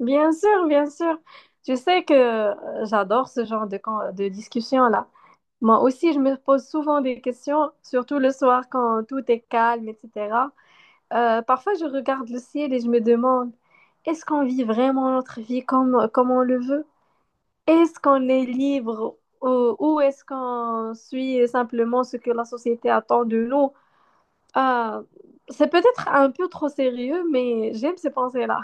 Bien sûr, bien sûr. Tu sais que j'adore ce genre de discussion-là. Moi aussi, je me pose souvent des questions, surtout le soir quand tout est calme, etc. Parfois, je regarde le ciel et je me demande, est-ce qu'on vit vraiment notre vie comme on le veut? Est-ce qu'on est libre ou est-ce qu'on suit simplement ce que la société attend de nous? Euh, c'est peut-être un peu trop sérieux, mais j'aime ces pensées-là.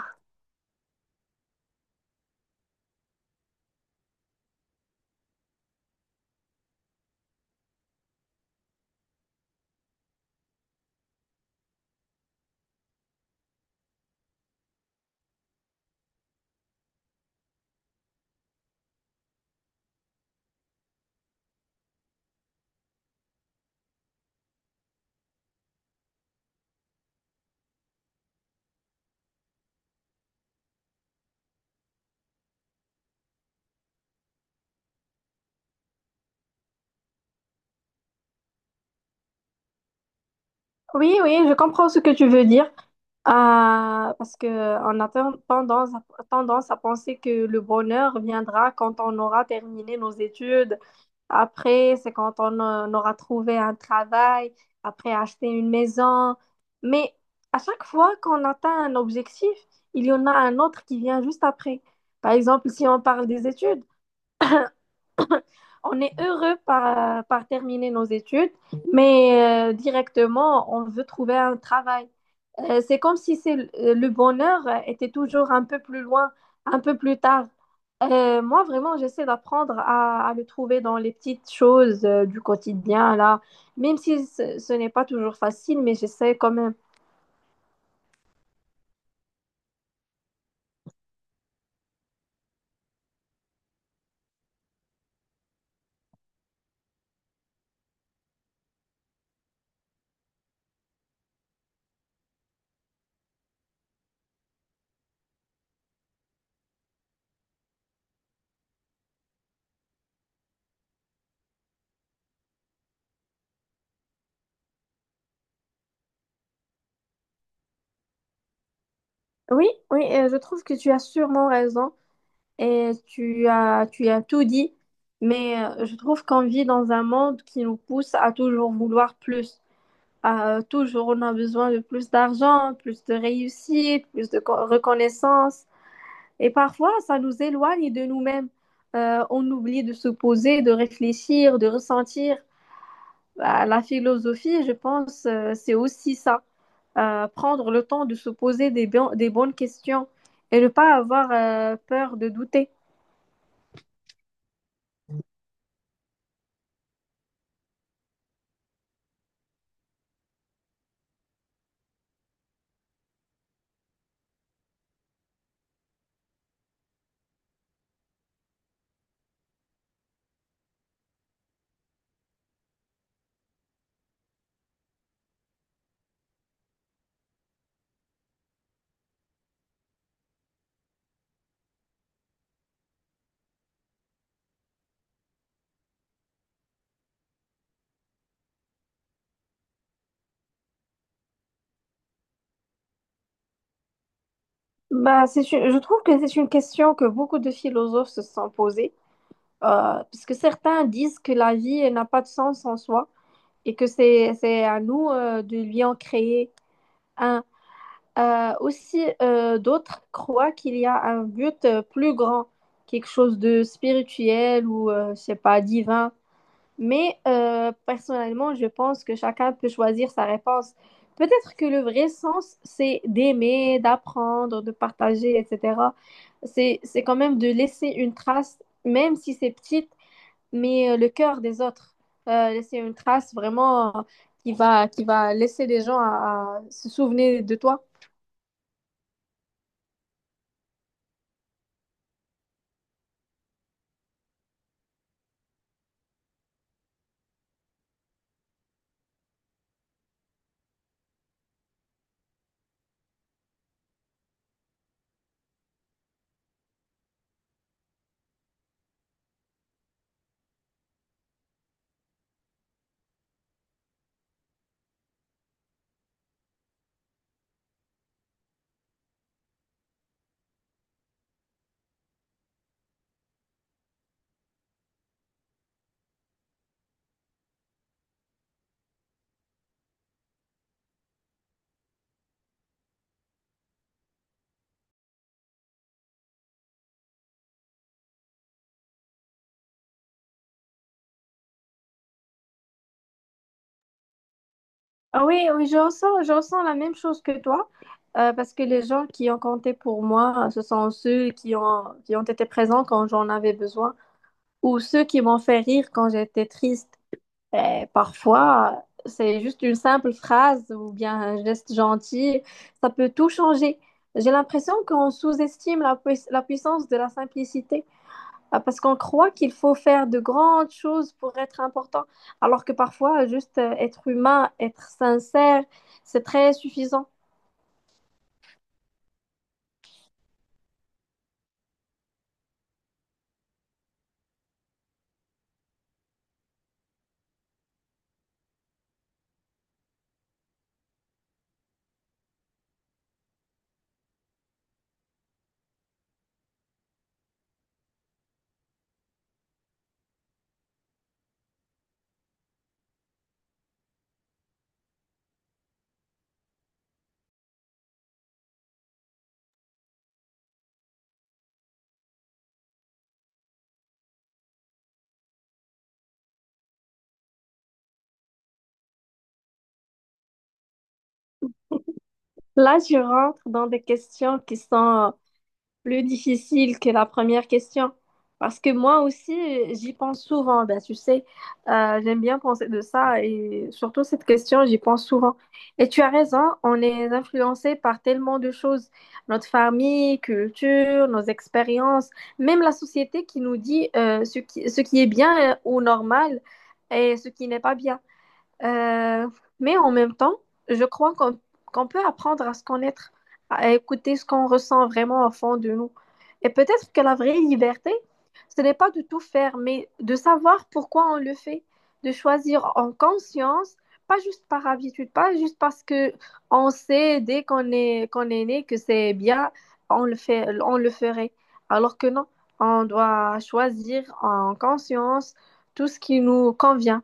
Oui, oui, je comprends ce que tu veux dire. Ah, parce que on a tendance tendance à penser que le bonheur viendra quand on aura terminé nos études. Après, c'est quand on aura trouvé un travail, après acheter une maison. Mais à chaque fois qu'on atteint un objectif, il y en a un autre qui vient juste après. Par exemple, si on parle des études, on est heureux par terminer nos études, mais directement, on veut trouver un travail. C'est comme si c'est l- Le bonheur était toujours un peu plus loin, un peu plus tard. Moi, vraiment, j'essaie à le trouver dans les petites choses du quotidien, là, même si ce n'est pas toujours facile, mais j'essaie quand même. Oui, oui, je trouve que tu as sûrement raison et tu as tout dit, mais je trouve qu'on vit dans un monde qui nous pousse à toujours vouloir plus. À, toujours, on a besoin de plus d'argent, plus de réussite, plus de reconnaissance. Et parfois, ça nous éloigne de nous-mêmes. On oublie de se poser, de réfléchir, de ressentir. Bah, la philosophie, je pense, c'est aussi ça. Prendre le temps de se poser des bonnes questions et ne pas avoir peur de douter. Je trouve que c'est une question que beaucoup de philosophes se sont posées, parce que certains disent que la vie elle n'a pas de sens en soi et que c'est à nous de lui en créer un. D'autres croient qu'il y a un but plus grand, quelque chose de spirituel ou, je sais pas, divin. Mais personnellement, je pense que chacun peut choisir sa réponse. Peut-être que le vrai sens, c'est d'aimer, d'apprendre, de partager, etc. C'est quand même de laisser une trace, même si c'est petite, mais le cœur des autres. Laisser une trace vraiment qui va laisser les gens à se souvenir de toi. Ah oui, oui, je ressens la même chose que toi, parce que les gens qui ont compté pour moi, ce sont ceux qui ont été présents quand j'en avais besoin, ou ceux qui m'ont fait rire quand j'étais triste. Et parfois, c'est juste une simple phrase ou bien un geste gentil, ça peut tout changer. J'ai l'impression qu'on sous-estime la puissance de la simplicité. Ah, parce qu'on croit qu'il faut faire de grandes choses pour être important, alors que parfois, juste être humain, être sincère, c'est très suffisant. Là, je rentre dans des questions qui sont plus difficile que la première question. Parce que moi aussi, j'y pense souvent. Ben, tu sais, j'aime bien penser de ça et surtout cette question, j'y pense souvent. Et tu as raison, on est influencé par tellement de choses. Notre famille, culture, nos expériences, même la société qui nous dit ce qui est bien ou normal et ce qui n'est pas bien. Euh, mais en même temps, je crois qu'on peut apprendre à se connaître, à écouter ce qu'on ressent vraiment au fond de nous. Et peut-être que la vraie liberté, ce n'est pas de tout faire, mais de savoir pourquoi on le fait, de choisir en conscience, pas juste par habitude, pas juste parce que on sait dès qu'on est né que c'est bien, on le ferait. Alors que non, on doit choisir en conscience tout ce qui nous convient.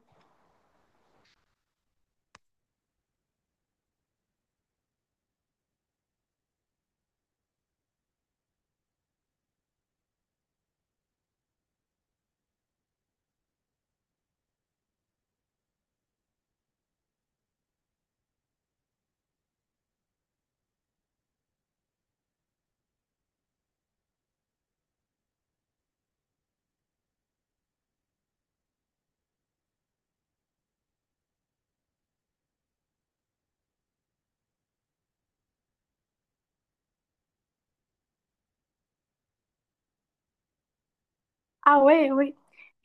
Ah oui, oui.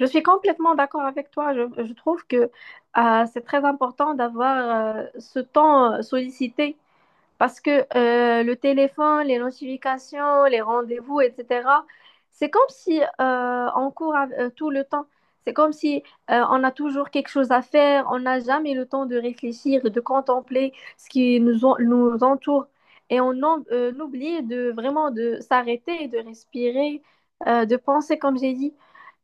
Je suis complètement d'accord avec toi. Je trouve que c'est très important d'avoir ce temps sollicité. Parce que le téléphone, les notifications, les rendez-vous, etc., c'est comme si tout le temps. C'est comme si on a toujours quelque chose à faire, on n'a jamais le temps de réfléchir, de contempler ce qui nous entoure. Et on oublie de vraiment de s'arrêter, de respirer, de penser, comme j'ai dit.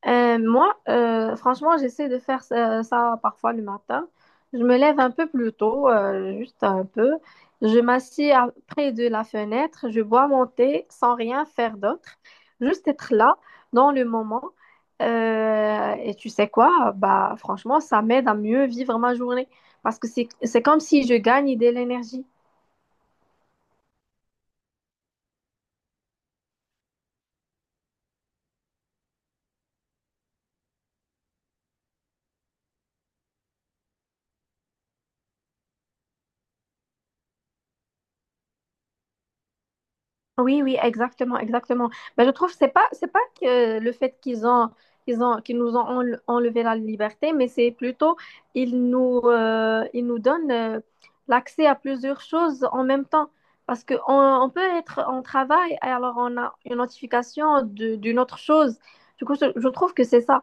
Franchement, j'essaie de faire ça parfois le matin. Je me lève un peu plus tôt, juste un peu. Je m'assis près de la fenêtre, je bois mon thé sans rien faire d'autre, juste être là dans le moment. Et tu sais quoi? Bah, franchement, ça m'aide à mieux vivre ma journée parce que c'est comme si je gagne de l'énergie. Oui, oui, exactement, exactement. Mais je trouve que c'est pas que le fait qu'ils nous ont enlevé la liberté, mais c'est plutôt ils nous donnent l'accès à plusieurs choses en même temps. Parce que on peut être en travail et alors on a une notification d'une autre chose. Du coup, je trouve que c'est ça.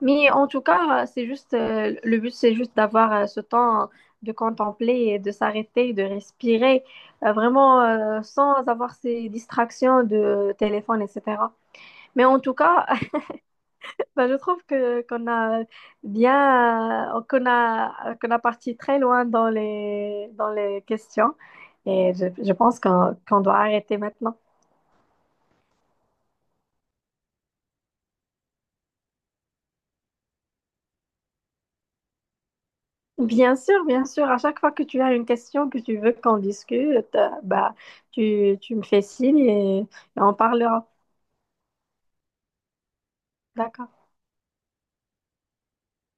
Mais en tout cas, c'est juste, le but, c'est juste d'avoir ce temps de contempler et de s'arrêter, de respirer, vraiment sans avoir ces distractions de téléphone, etc. Mais en tout cas, bah, je trouve que qu'on a bien, qu'on a, qu'on a parti très loin dans dans les questions. Et je pense qu'on doit arrêter maintenant. Bien sûr, bien sûr. À chaque fois que tu as une question que tu veux qu'on discute, bah, tu me fais signe et on parlera. D'accord.